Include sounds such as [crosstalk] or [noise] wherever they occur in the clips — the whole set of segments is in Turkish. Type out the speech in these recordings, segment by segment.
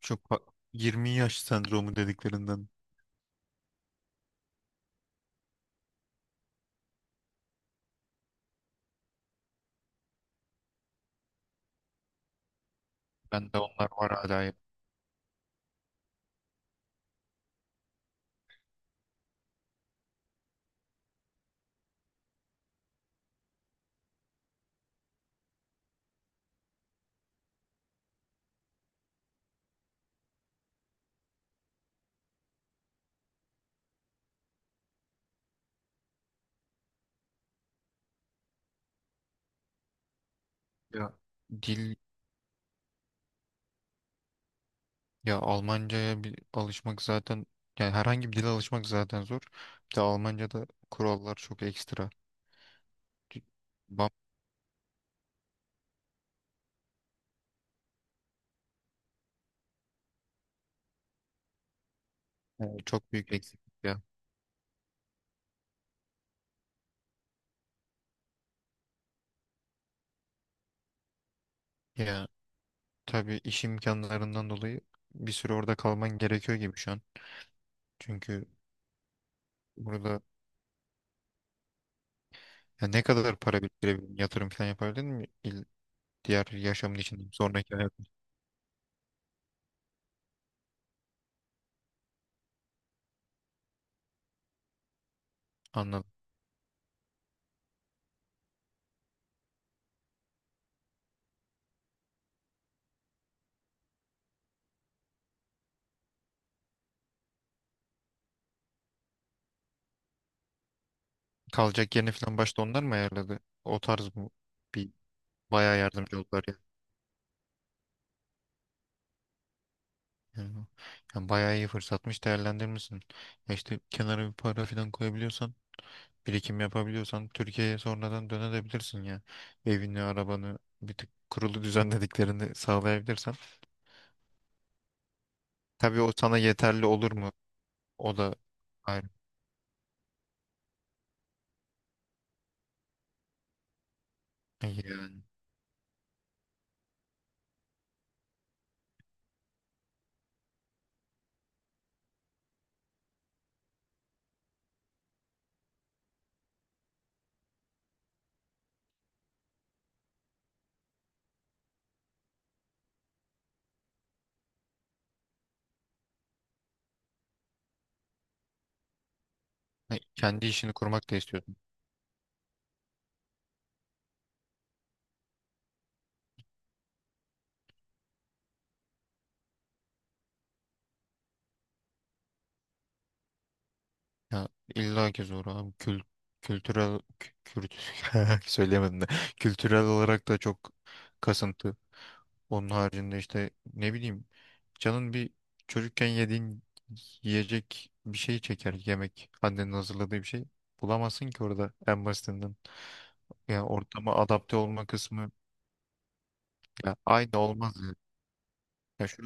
Çok fa- 20 yaş sendromu dediklerinden. Bende onlar var hala ya. Ya dil ya Almanca'ya bir alışmak zaten yani herhangi bir dile alışmak zaten zor. Bir de Almanca'da kurallar çok ekstra. C- Bam, Evet. Çok büyük eksiklik ya. Ya tabii iş imkanlarından dolayı bir süre orada kalman gerekiyor gibi şu an. Çünkü burada ya ne kadar para biriktirebildin, yatırım falan yapabildin mi? Diğer yaşamın için sonraki hayatın. Anladım. Kalacak yerini falan başta onlar mı ayarladı? O tarz mı? Bir Bayağı yardımcı oldular ya. Yani, yani bayağı iyi fırsatmış değerlendirmişsin. Ya işte kenara bir para falan koyabiliyorsan, birikim yapabiliyorsan Türkiye'ye sonradan dönebilirsin ya. Evini, arabanı bir tık kurulu düzenlediklerini sağlayabilirsen. Tabii o sana yeterli olur mu? O da ayrı. Yani, yani, kendi işini kurmak da istiyorsun. Ya illa ki zor abi. Kültürel kü- kürt [laughs] söyleyemedim de. Kültürel olarak da çok kasıntı. Onun haricinde işte ne bileyim canın bir çocukken yediğin yiyecek bir şey çeker yemek. Annenin hazırladığı bir şey. Bulamazsın ki orada en basitinden. Yani ortama adapte olma kısmı ya aynı olmaz. Ya şu,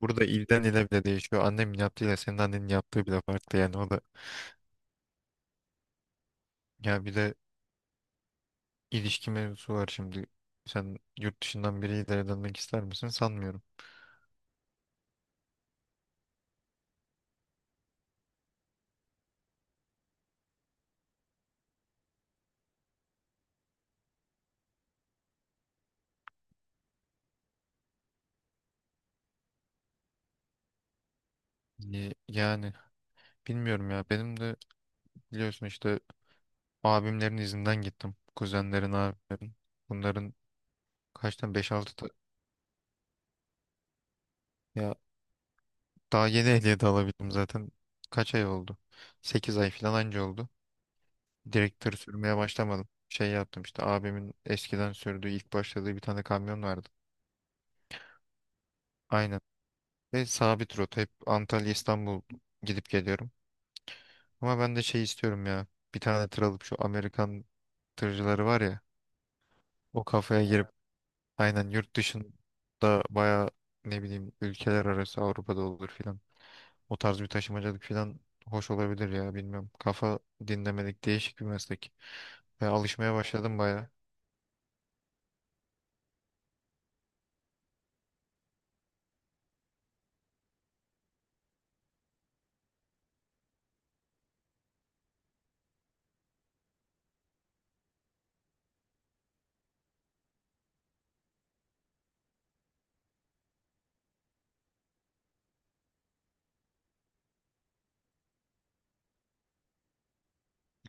burada ilden ile bile değişiyor. Annemin yaptığıyla senin annenin yaptığı bile farklı yani o da. Ya bir de İlişki mevzusu var şimdi. Sen yurt dışından biriyle evlenmek ister misin? Sanmıyorum. Yani bilmiyorum ya. Benim de biliyorsun işte abimlerin izinden gittim. Kuzenlerin, abilerin. Bunların kaç tane? 5-6 Ya daha yeni ehliyet alabildim zaten. Kaç ay oldu? 8 ay falan anca oldu. Direktör sürmeye başlamadım. Şey yaptım işte abimin eskiden sürdüğü ilk başladığı bir tane kamyon vardı. Aynen. Ve sabit rota hep Antalya İstanbul gidip geliyorum. Ama ben de şey istiyorum ya. Bir tane tır alıp şu Amerikan tırcıları var ya. O kafaya girip aynen yurt dışında baya ne bileyim ülkeler arası Avrupa'da olur filan. O tarz bir taşımacılık filan hoş olabilir ya bilmiyorum. Kafa dinlemedik değişik bir meslek. Ve alışmaya başladım baya.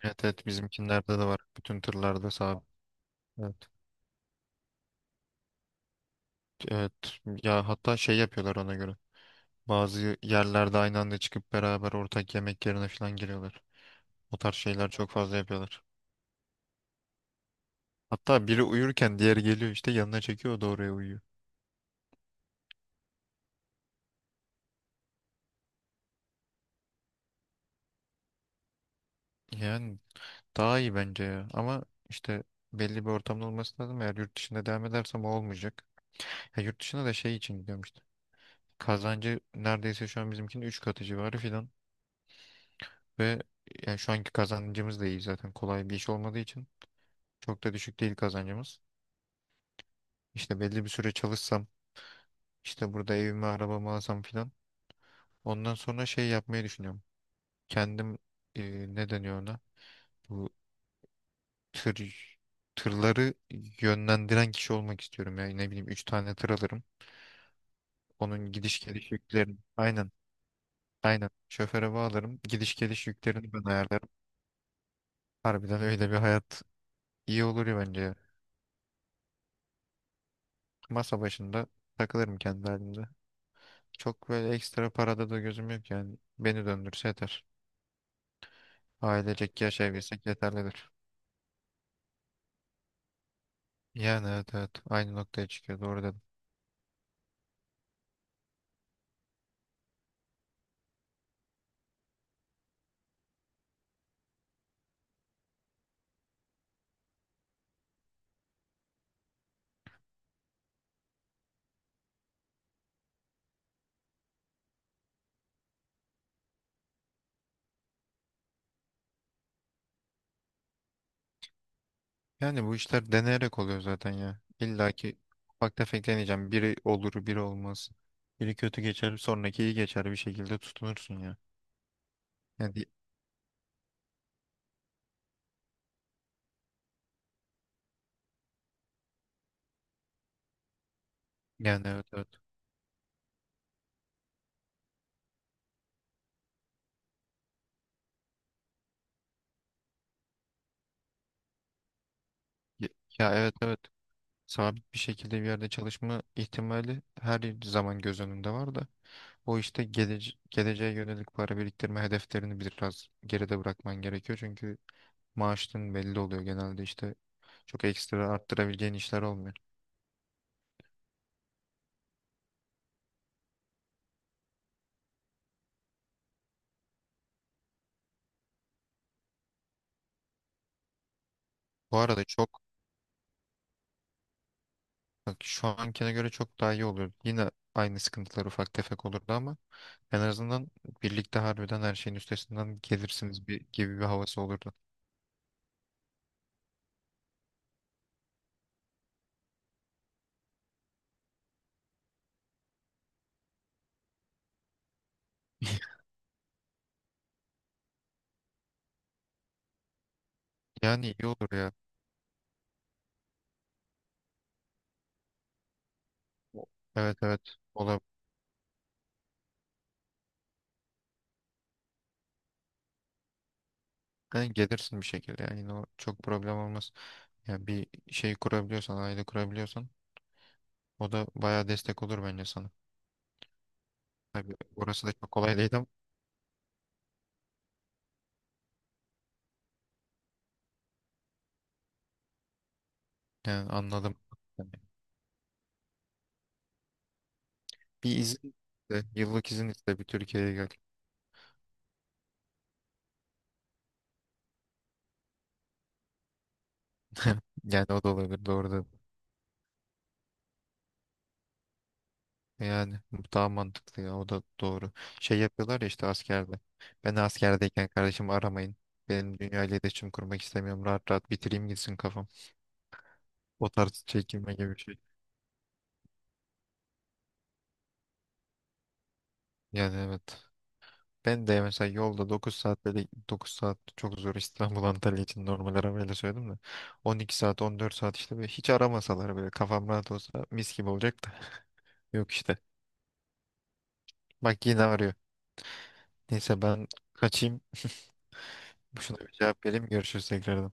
Evet evet, bizimkinlerde de var. Bütün tırlarda sağ. Evet. Evet. Ya hatta şey yapıyorlar ona göre. Bazı yerlerde aynı anda çıkıp beraber ortak yemek yerine filan giriyorlar. O tarz şeyler çok fazla yapıyorlar. Hatta biri uyurken diğeri geliyor işte yanına çekiyor o da oraya uyuyor. Yani daha iyi bence ya. Ama işte belli bir ortamda olması lazım. Eğer yurt dışında devam edersem o olmayacak. Ya yurt dışına da şey için gidiyorum işte. Kazancı neredeyse şu an bizimkinin 3 katı civarı filan. Ve yani şu anki kazancımız da iyi zaten. Kolay bir iş olmadığı için çok da düşük değil kazancımız. İşte belli bir süre çalışsam işte burada evimi arabamı alsam filan. Ondan sonra şey yapmayı düşünüyorum. Kendim ne deniyor ona? Bu tır tırları yönlendiren kişi olmak istiyorum. Yani ne bileyim 3 tane tır alırım. Onun gidiş geliş yüklerini. Aynen. Aynen. Şoföre bağlarım. Gidiş geliş yüklerini ben ayarlarım. Harbiden öyle bir hayat iyi olur ya bence. Ya. Masa başında takılırım kendi halimde. Çok böyle ekstra parada da gözüm yok yani. Beni döndürse yeter. Ailecek yaşayabilsek yeterlidir. Yani evet evet. Aynı noktaya çıkıyor. Doğru dedim. Yani bu işler deneyerek oluyor zaten ya. İlla ki ufak tefek deneyeceğim. Biri olur, biri olmaz. Biri kötü geçer, sonraki iyi geçer bir şekilde tutunursun ya. Yani, yani, evet evet. Ya, ya, evet evet. Sabit bir şekilde bir yerde çalışma ihtimali her zaman göz önünde var da. O işte geleceğe yönelik para biriktirme hedeflerini biraz geride bırakman gerekiyor. Çünkü maaşın belli oluyor genelde işte. Çok ekstra arttırabileceğin işler olmuyor. Bu arada çok Bak şu ankine göre çok daha iyi oluyor. Yine aynı sıkıntılar ufak tefek olurdu ama en azından birlikte harbiden her şeyin üstesinden gelirsiniz gibi bir havası olurdu. Yani iyi olur ya. O- Evet evet olabilir. Yani gelirsin bir şekilde yani yine o çok problem olmaz. Yani bir şey kurabiliyorsan, aile kurabiliyorsan o da bayağı destek olur bence sana. Tabii orası da çok kolay değil ama yani anladım. Yani bir izin iste, yıllık izin iste bir Türkiye'ye gel. [laughs] Yani o da olabilir doğru da. Yani bu daha mantıklı ya o da doğru. Şey yapıyorlar ya işte askerde. Ben askerdeyken kardeşim aramayın. Benim dünya ile iletişim kurmak istemiyorum. Rahat rahat bitireyim gitsin kafam. O tarz çekilme gibi bir şey. Yani evet. Ben de mesela yolda 9 saat böyle 9 saat çok zor İstanbul [laughs] Antalya için normal arabayla söyledim de 12 saat 14 saat işte böyle hiç aramasalar böyle kafam rahat olsa mis gibi olacak da yok işte. Bak yine arıyor. Neyse ben kaçayım. Şuna bir cevap vereyim. Görüşürüz tekrardan.